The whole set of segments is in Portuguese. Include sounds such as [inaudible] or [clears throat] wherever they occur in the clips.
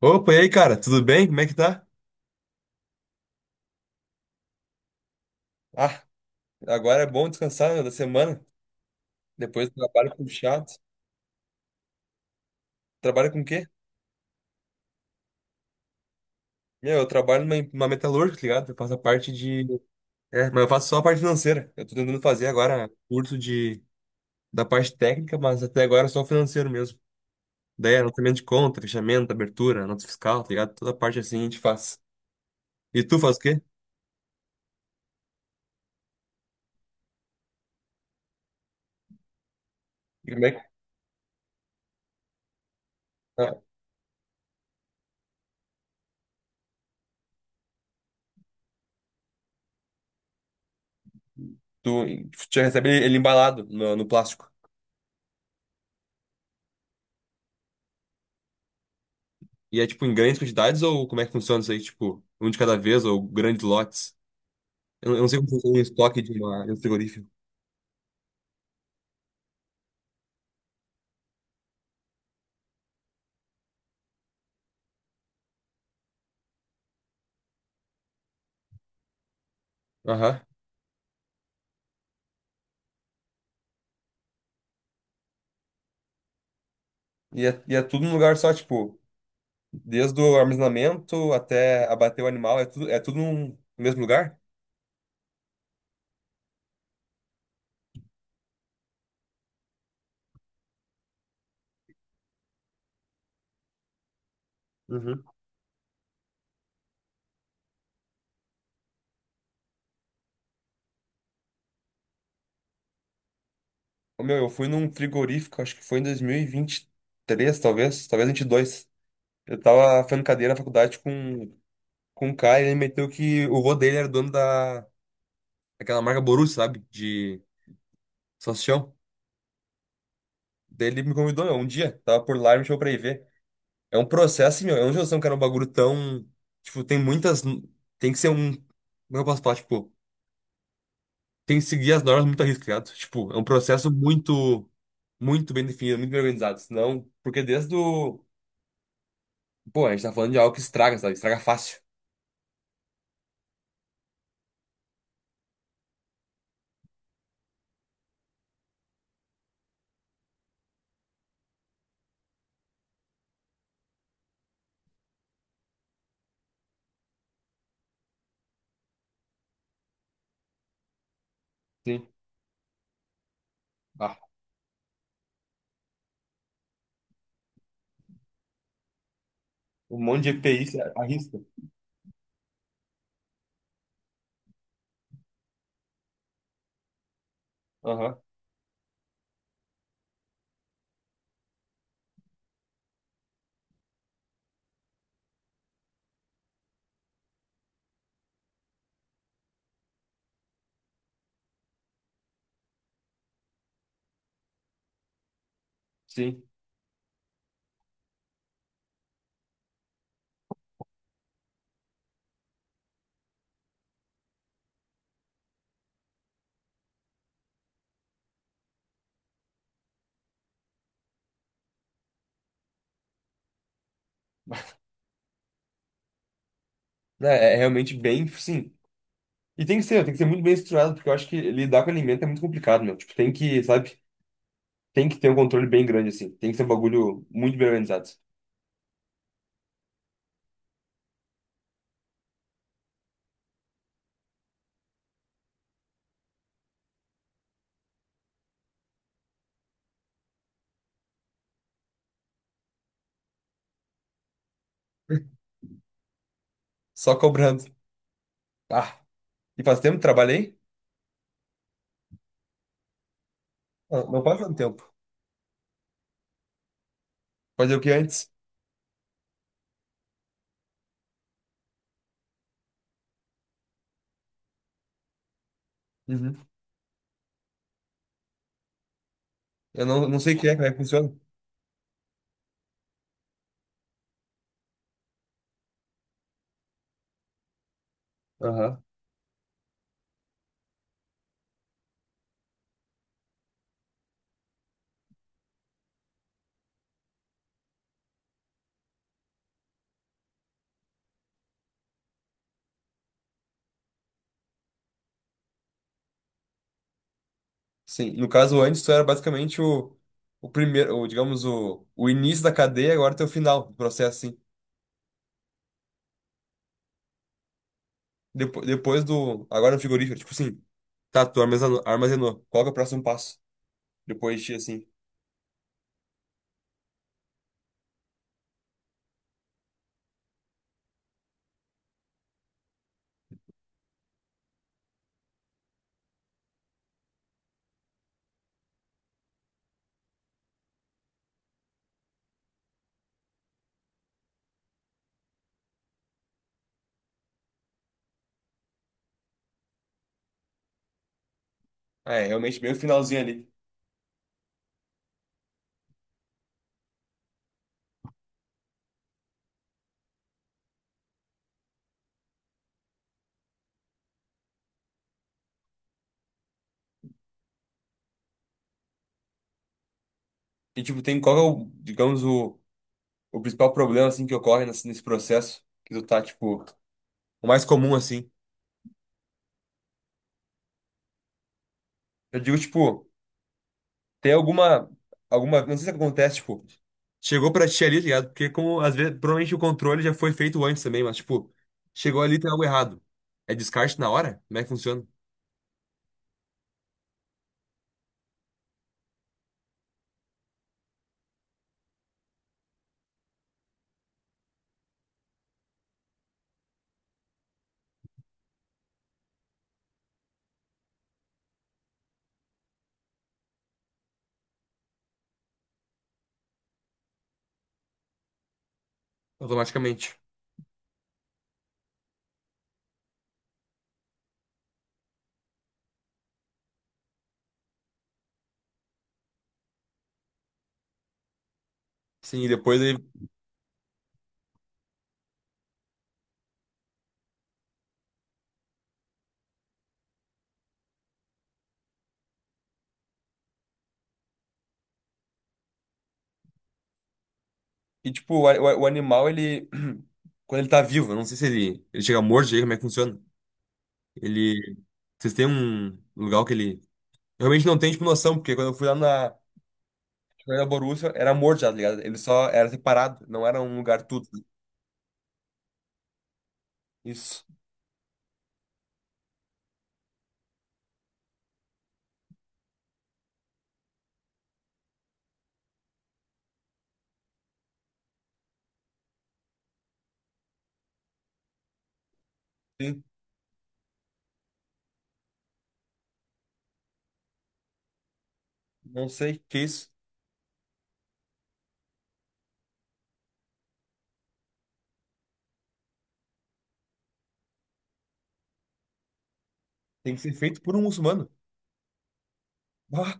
Opa, e aí, cara? Tudo bem? Como é que tá? Ah, agora é bom descansar, meu, da semana. Depois do trabalho puxado. Trabalha com o quê? Meu, eu trabalho numa metalúrgica, tá ligado? Eu faço a parte de... É, mas eu faço só a parte financeira. Eu tô tentando fazer agora curso de... da parte técnica, mas até agora é só o financeiro mesmo. Daí, anotamento de conta, fechamento, abertura, nota fiscal, tá ligado? Toda parte assim a gente faz. E tu faz o quê? E como é que... Ah, tu já recebe ele embalado no plástico. E é, tipo, em grandes quantidades ou como é que funciona isso aí? Tipo, um de cada vez ou grandes lotes? Não, eu não sei como funciona um estoque de um frigorífico. Aham. É tudo num lugar só, tipo, desde o armazenamento até abater o animal, é tudo num mesmo lugar? Uhum. Ô, meu, eu fui num frigorífico, acho que foi em dois mil e vinte e três talvez, talvez vinte e dois. Eu tava fazendo cadeira na faculdade com um cara e ele meteu que o vô dele era dono daquela marca Borussia, sabe? De salsichão. Daí ele me convidou, meu, um dia, tava por lá e me chamou pra ir ver. É um processo, assim, meu, eu não tinha noção que era um bagulho tão. Tipo, tem muitas. Tem que ser um. Como eu posso falar? Tipo, tem que seguir as normas, muito arriscado. Tipo, é um processo muito. Muito bem definido, muito bem organizado. Senão. Porque desde o. Pô, a gente tá falando de algo que estraga, sabe? Estraga fácil. Sim. Ah, um monte de EPI, se arrisca. Aham. Sim. É realmente bem. Sim. E tem que ser muito bem estruturado, porque eu acho que lidar com alimento é muito complicado, meu. Tipo, tem que, sabe? Tem que ter um controle bem grande, assim. Tem que ser um bagulho muito bem organizado. Só cobrando. Ah, e faz tempo que trabalhei? Não, não faz tanto tempo. Fazer o que antes? Uhum. Eu não sei o que é, como é que funciona. Aham. Sim, no caso antes tu era basicamente o, primeiro, o, digamos, o início da cadeia, agora tem o final do processo, assim. Depois do. Agora no frigorífico, tipo assim. Tá, tu armazenou. Armazenou. Qual que é o próximo passo? Depois de ti, assim. Ah, é realmente bem o finalzinho ali. E tipo, tem qual que é o, digamos, o. O principal problema, assim, que ocorre nesse processo? Que tu tá, tipo, o mais comum, assim. Eu digo, tipo, tem alguma, não sei se acontece, tipo, chegou pra ti ali, tá ligado? Porque como, às vezes, provavelmente o controle já foi feito antes também, mas, tipo, chegou ali, tem algo errado. É descarte na hora? Como é que funciona? Automaticamente. Sim, e depois ele... E, tipo, o animal, ele... [clears throat] Quando ele tá vivo, eu não sei se ele chega morto, chega, como é que funciona? Ele... Vocês têm um lugar que ele... Eu realmente não tenho, tipo, noção, porque quando eu fui lá na... Mas a Borussia era morto já, tá ligado? Ele só era separado, não era um lugar tudo. Isso. Sim. Não sei que é isso. Tem que ser feito por um muçulmano. Ah,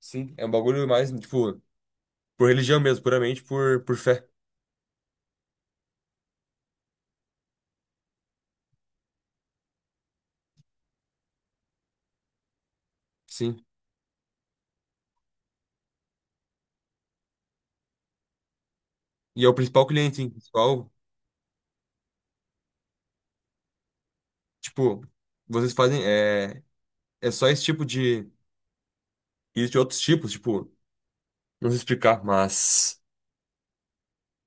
sim. É um bagulho mais, tipo, por religião mesmo, puramente por fé. Sim. E é o principal cliente, sim. Principal, tipo, vocês fazem. É só esse tipo de. Existem outros tipos, tipo, não sei explicar, mas.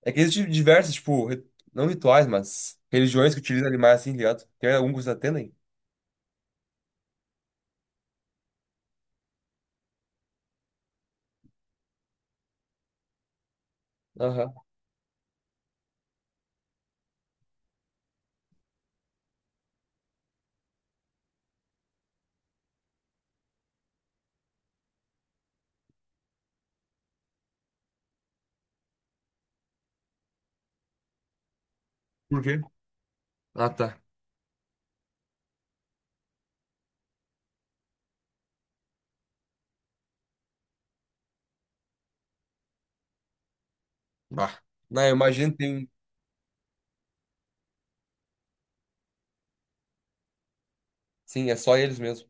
É que existem diversos, tipo, não rituais, mas religiões que utilizam animais assim, tá ligado? Tem algum que vocês atendem? Aham. Por quê? Ah, tá. Ah, não, eu imagino que tem. Sim, é só eles mesmo.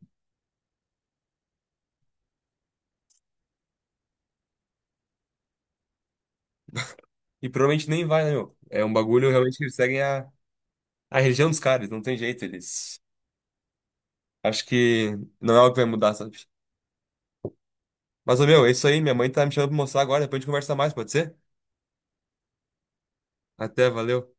E provavelmente nem vai, né, meu? É um bagulho realmente que eles seguem a religião dos caras, não tem jeito, eles. Acho que não é algo que vai mudar, sabe? Mas, ô, meu, é isso aí. Minha mãe tá me chamando pra mostrar agora, depois a gente conversa mais, pode ser? Até, valeu.